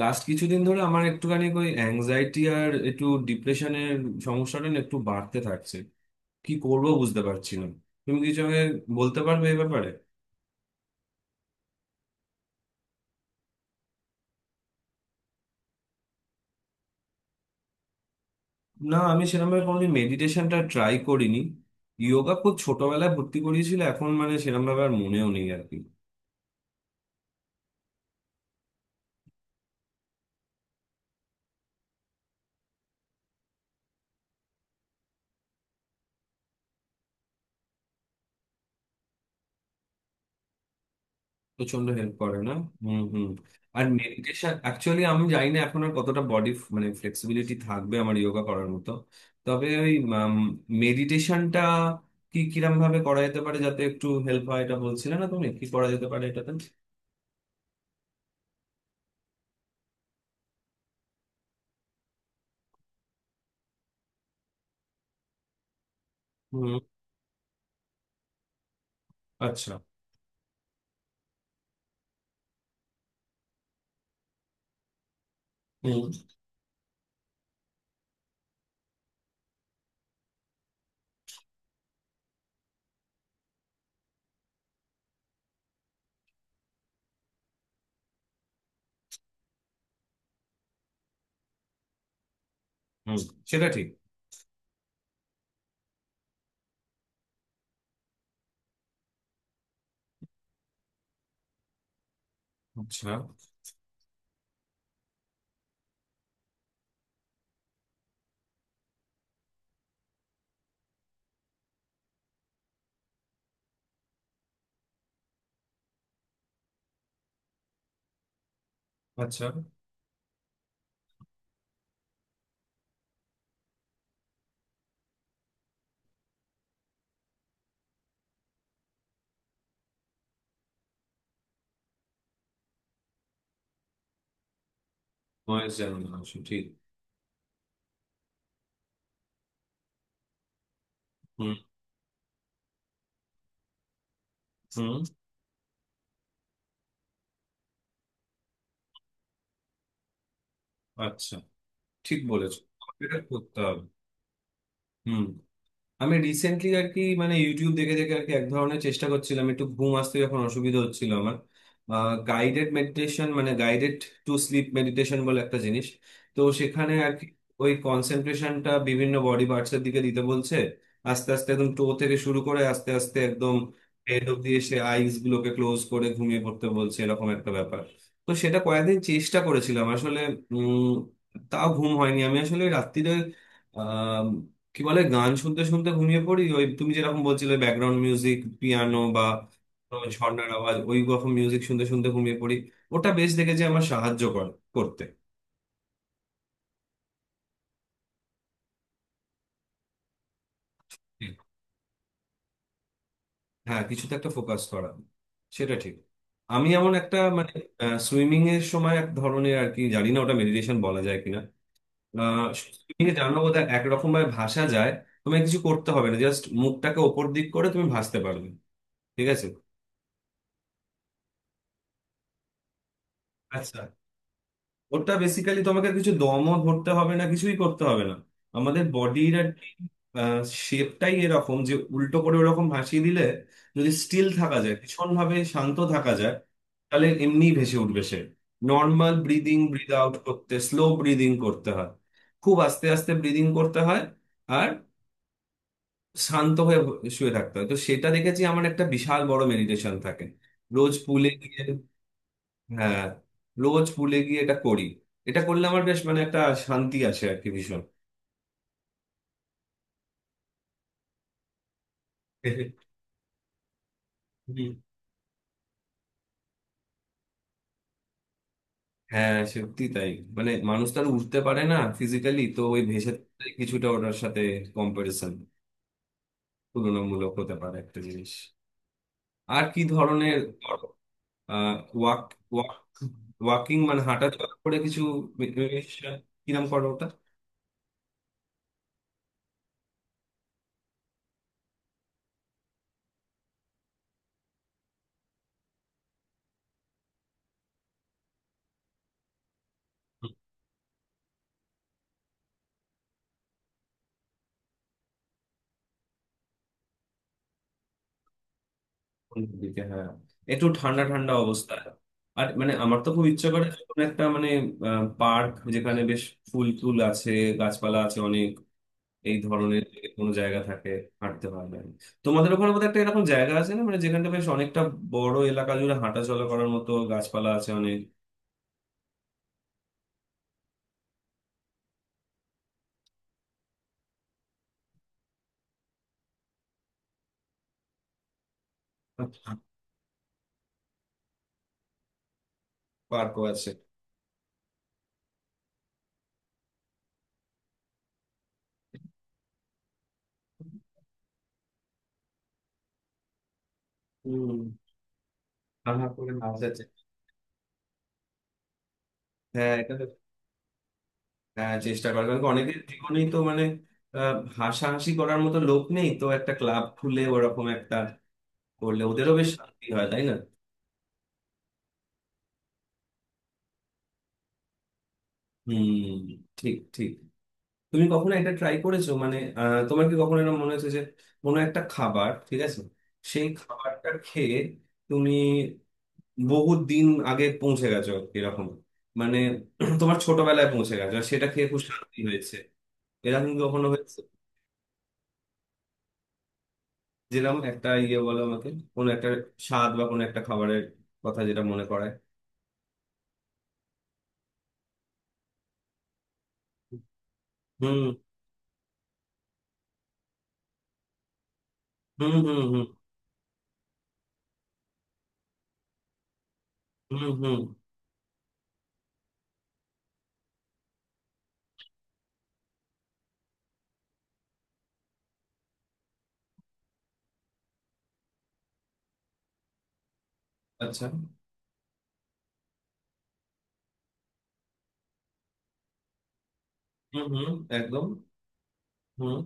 Last কিছুদিন ধরে আমার একটুখানি ওই অ্যাংজাইটি আর একটু ডিপ্রেশনের সমস্যাটা না একটু বাড়তে থাকছে। কি করব বুঝতে পারছি না। তুমি কিছু আমাকে বলতে পারবে এই ব্যাপারে? না, আমি সেরকমভাবে কোনোদিন মেডিটেশনটা ট্রাই করিনি। যোগা খুব ছোটবেলায় ভর্তি করিয়েছিল, এখন মানে সেরকমভাবে আর মনেও নেই আর কি। প্রচন্ড হেল্প করে না? হুম হুম। আর মেডিটেশন অ্যাকচুয়ালি আমি জানি না এখন আর কতটা বডি মানে ফ্লেক্সিবিলিটি থাকবে আমার যোগা করার মতো। তবে ওই মেডিটেশনটা কি কিরম ভাবে করা যেতে পারে যাতে একটু হেল্প হয়, এটা বলছিলে না, তুমি কি করা যেতে পারে এটাতে? হুম। আচ্ছা। হুম হুম, সেটা ঠিক। আচ্ছা। আচ্ছা, বয়স জানি না অবশ্য, ঠিক। হুম হুম। আচ্ছা, ঠিক বলেছো, এটা করতে হবে। হুম। আমি রিসেন্টলি আর কি মানে ইউটিউব দেখে দেখে আর কি এক ধরনের চেষ্টা করছিলাম একটু ঘুম আসতে, যখন অসুবিধা হচ্ছিল আমার। গাইডেড মেডিটেশন মানে গাইডেড টু স্লিপ মেডিটেশন বলে একটা জিনিস, তো সেখানে আর কি ওই কনসেন্ট্রেশনটা বিভিন্ন বডি পার্টস এর দিকে দিতে বলছে। আস্তে আস্তে একদম টো থেকে শুরু করে আস্তে আস্তে একদম হেড অব্দি এসে আইস গুলোকে ক্লোজ করে ঘুমিয়ে পড়তে বলছে, এরকম একটা ব্যাপার। তো সেটা কয়েকদিন চেষ্টা করেছিলাম আসলে। উম তাও ঘুম হয়নি। আমি আসলে রাত্রিরে কি বলে গান শুনতে শুনতে ঘুমিয়ে পড়ি, ওই তুমি যেরকম বলছিলে ব্যাকগ্রাউন্ড মিউজিক পিয়ানো বা কোনো ঝর্ণার আওয়াজ, ওই রকম মিউজিক শুনতে শুনতে ঘুমিয়ে পড়ি। ওটা বেশ দেখেছি আমার সাহায্য করে করতে। হ্যাঁ, কিছুতে একটা ফোকাস করা, সেটা ঠিক। আমি এমন একটা মানে সুইমিং এর সময় এক ধরনের আর কি জানি না ওটা মেডিটেশন বলা যায় কিনা। সুইমিং এ জানো বোধহয় একরকম ভাবে ভাসা যায়, তোমায় কিছু করতে হবে না, জাস্ট মুখটাকে ওপর দিক করে তুমি ভাসতে পারবে। ঠিক আছে। আচ্ছা। ওটা বেসিক্যালি তোমাকে কিছু দমও ধরতে হবে না, কিছুই করতে হবে না। আমাদের বডির আর শেপটাই এরকম যে উল্টো করে ওরকম ভাসিয়ে দিলে, যদি স্টিল থাকা যায়, ভীষণ ভাবে শান্ত থাকা যায়, তাহলে এমনি ভেসে উঠবে সে। নর্মাল ব্রিদিং ব্রিদ আউট করতে স্লো ব্রিদিং করতে হয়, খুব আস্তে আস্তে ব্রিদিং করতে হয়। আর শান্ত হয়ে শুয়ে থাকতে হয়, তো সেটা দেখেছি আমার একটা বিশাল বড় মেডিটেশন থাকে রোজ পুলে গিয়ে। হ্যাঁ, রোজ পুলে গিয়ে এটা করি। এটা করলে আমার বেশ মানে একটা শান্তি আছে আর কি, ভীষণ। হুম। হ্যাঁ সত্যি তাই। মানে মানুষ তো আর উঠতে পারে না ফিজিক্যালি, তো ওই ভেসে থাকাটাই কিছুটা ওটার সাথে কম্পারিজন তুলনামূলক হতে পারে একটা জিনিস। আর কি ধরনের ওয়াক ওয়াকিং মানে হাঁটা চলা করে কিছু, কিরম করো ওটা? সন্ধ্যের দিকে, হ্যাঁ, একটু ঠান্ডা ঠান্ডা অবস্থা। আর মানে আমার তো খুব ইচ্ছে করে যে কোনো একটা মানে পার্ক যেখানে বেশ ফুল টুল আছে, গাছপালা আছে অনেক, এই ধরনের যদি কোনো জায়গা থাকে হাঁটতে পারবে। তোমাদের ওখানে বোধহয় একটা এরকম জায়গা আছে না, মানে যেখানটা বেশ অনেকটা বড় এলাকা জুড়ে হাঁটাচলা করার মতো, গাছপালা আছে অনেক, পার্কও আছে। হম। হাঁ করে হাসা যায়। হ্যাঁ এটা তো- হ্যাঁ, চেষ্টা করার কারণ কি অনেকের জীবনেই তো মানে আহ, হাসাহাসি করার মতো লোক নেই, তো একটা ক্লাব খুলে ওরকম একটা করলে ওদেরও বেশ শান্তি হয়, তাই না। হুম, ঠিক ঠিক। তুমি কখনো এটা ট্রাই করেছো মানে তোমার কি কখনো এরকম মনে হয়েছে যে কোনো একটা খাবার ঠিক আছে, সেই খাবারটা খেয়ে তুমি বহু দিন আগে পৌঁছে গেছো, এরকম মানে তোমার ছোটবেলায় পৌঁছে গেছো আর সেটা খেয়ে খুব শান্তি হয়েছে, এরকম কি কখনো হয়েছে? যেরকম একটা ইয়ে বলো আমাকে, কোনো একটা স্বাদ বা কোনো একটা খাবারের কথা যেটা মনে করায়। হুম হুম হুম হুম হুম হুম। আচ্ছা। হুম হুম। একদম। হুম।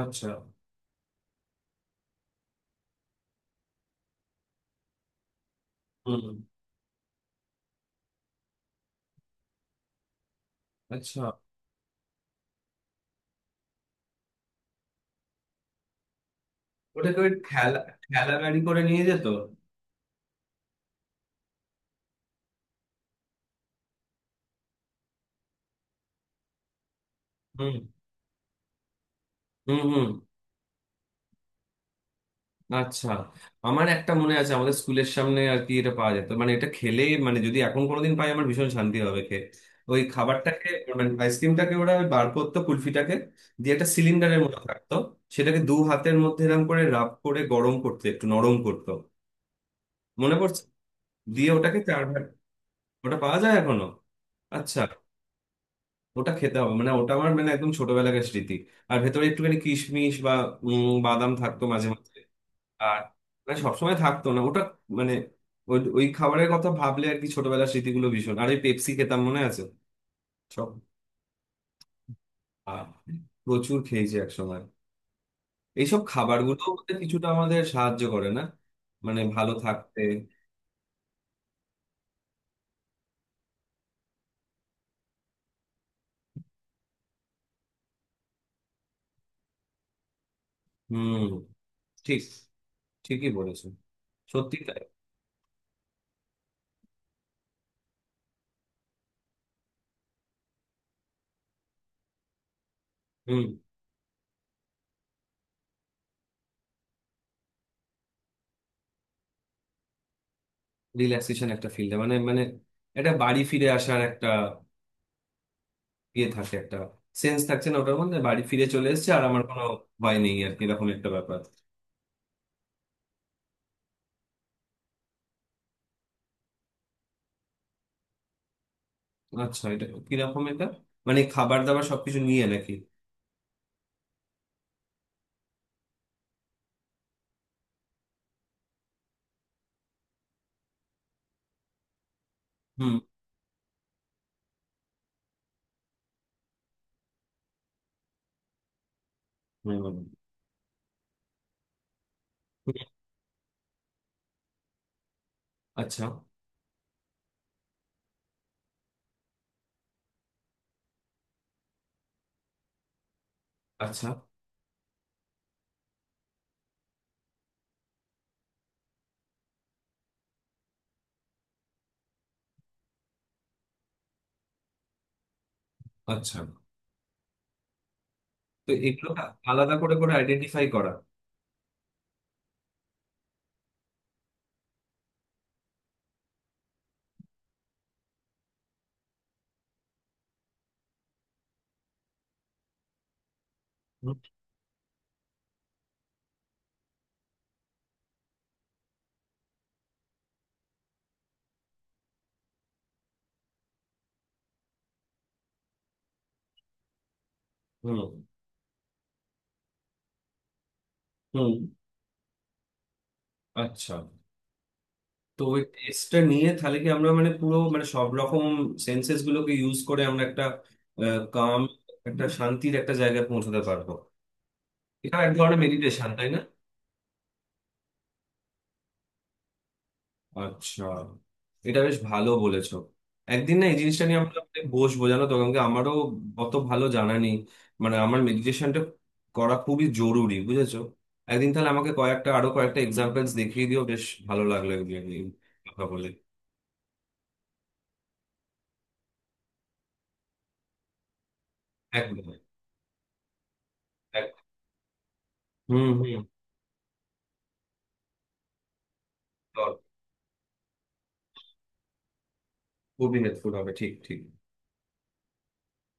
আচ্ছা। হুম। আচ্ছা, ওটাকে ওই ঠেলা ঠেলা গাড়ি করে নিয়ে যেত। হুম হুম হুম। আচ্ছা, আমার একটা মনে আছে আমাদের স্কুলের সামনে আর কি এটা পাওয়া যেত, মানে এটা খেলে মানে যদি এখন কোনোদিন পাই আমার ভীষণ শান্তি হবে খেয়ে ওই খাবারটাকে, মানে আইসক্রিমটাকে। ওরা ওই বার করতো কুলফিটাকে দিয়ে, একটা সিলিন্ডারের মতো থাকতো, সেটাকে দু হাতের মধ্যে এরম করে রাব করে গরম করতে একটু নরম করতো, মনে পড়ছে। দিয়ে ওটাকে চার ভাগ। ওটা পাওয়া যায় এখনো? আচ্ছা। ওটা খেতে হবে, মানে ওটা আমার মানে একদম ছোটবেলাকার স্মৃতি। আর ভেতরে একটুখানি কিশমিশ বা বাদাম থাকতো মাঝে মাঝে। আর মানে সবসময় থাকতো না ওটা। মানে ওই ওই খাবারের কথা ভাবলে আর কি ছোটবেলার স্মৃতিগুলো ভীষণ। আর ওই পেপসি খেতাম মনে আছে সব। আহ, প্রচুর খেয়েছি একসময়। এইসব খাবারগুলো আমাদের কিছুটা আমাদের সাহায্য করে না, মানে ভালো থাকতে? হুম। ঠিক। ঠিকই বলেছো, সত্যি তাই। হুম। রিল্যাক্সেশন একটা ফিল, মানে মানে এটা বাড়ি ফিরে আসার একটা ইয়ে থাকে, একটা সেন্স থাকছে না ওটার মধ্যে, বাড়ি ফিরে চলে এসেছে আর আমার কোনো ভয় নেই আর কি, এরকম একটা ব্যাপার। আচ্ছা, এটা কিরকম? এটা মানে খাবার দাবার সবকিছু নিয়ে নাকি? হুম হুম, হুম। আচ্ছা। আচ্ছা। আচ্ছা, তো এগুলো আলাদা করে করে আইডেন্টিফাই করা। হুম হুম হুম, আচ্ছা। তো ওই টেস্টটা নিয়ে তাহলে কি আমরা মানে পুরো মানে সব রকম সেন্সেস গুলোকে ইউজ করে আমরা একটা কাম, একটা শান্তির একটা জায়গায় পৌঁছাতে পারবো? এটা এক ধরনের মেডিটেশন তাই না? আচ্ছা, এটা বেশ ভালো বলেছো। একদিন না এই জিনিসটা নিয়ে আমরা অনেক বসবো, জানো তো, কারণ কি আমারও অত ভালো জানা নেই। মানে আমার মেডিটেশনটা করা খুবই জরুরি বুঝেছো। একদিন তাহলে আমাকে কয়েকটা আরো কয়েকটা এক্সাম্পলস দেখিয়ে দিও। বেশ ভালো লাগলো এগুলো নিয়ে কথা বলে। একদম। এক- হুম হুম। খুবই হেল্পফুল হবে, ঠিক ঠিক।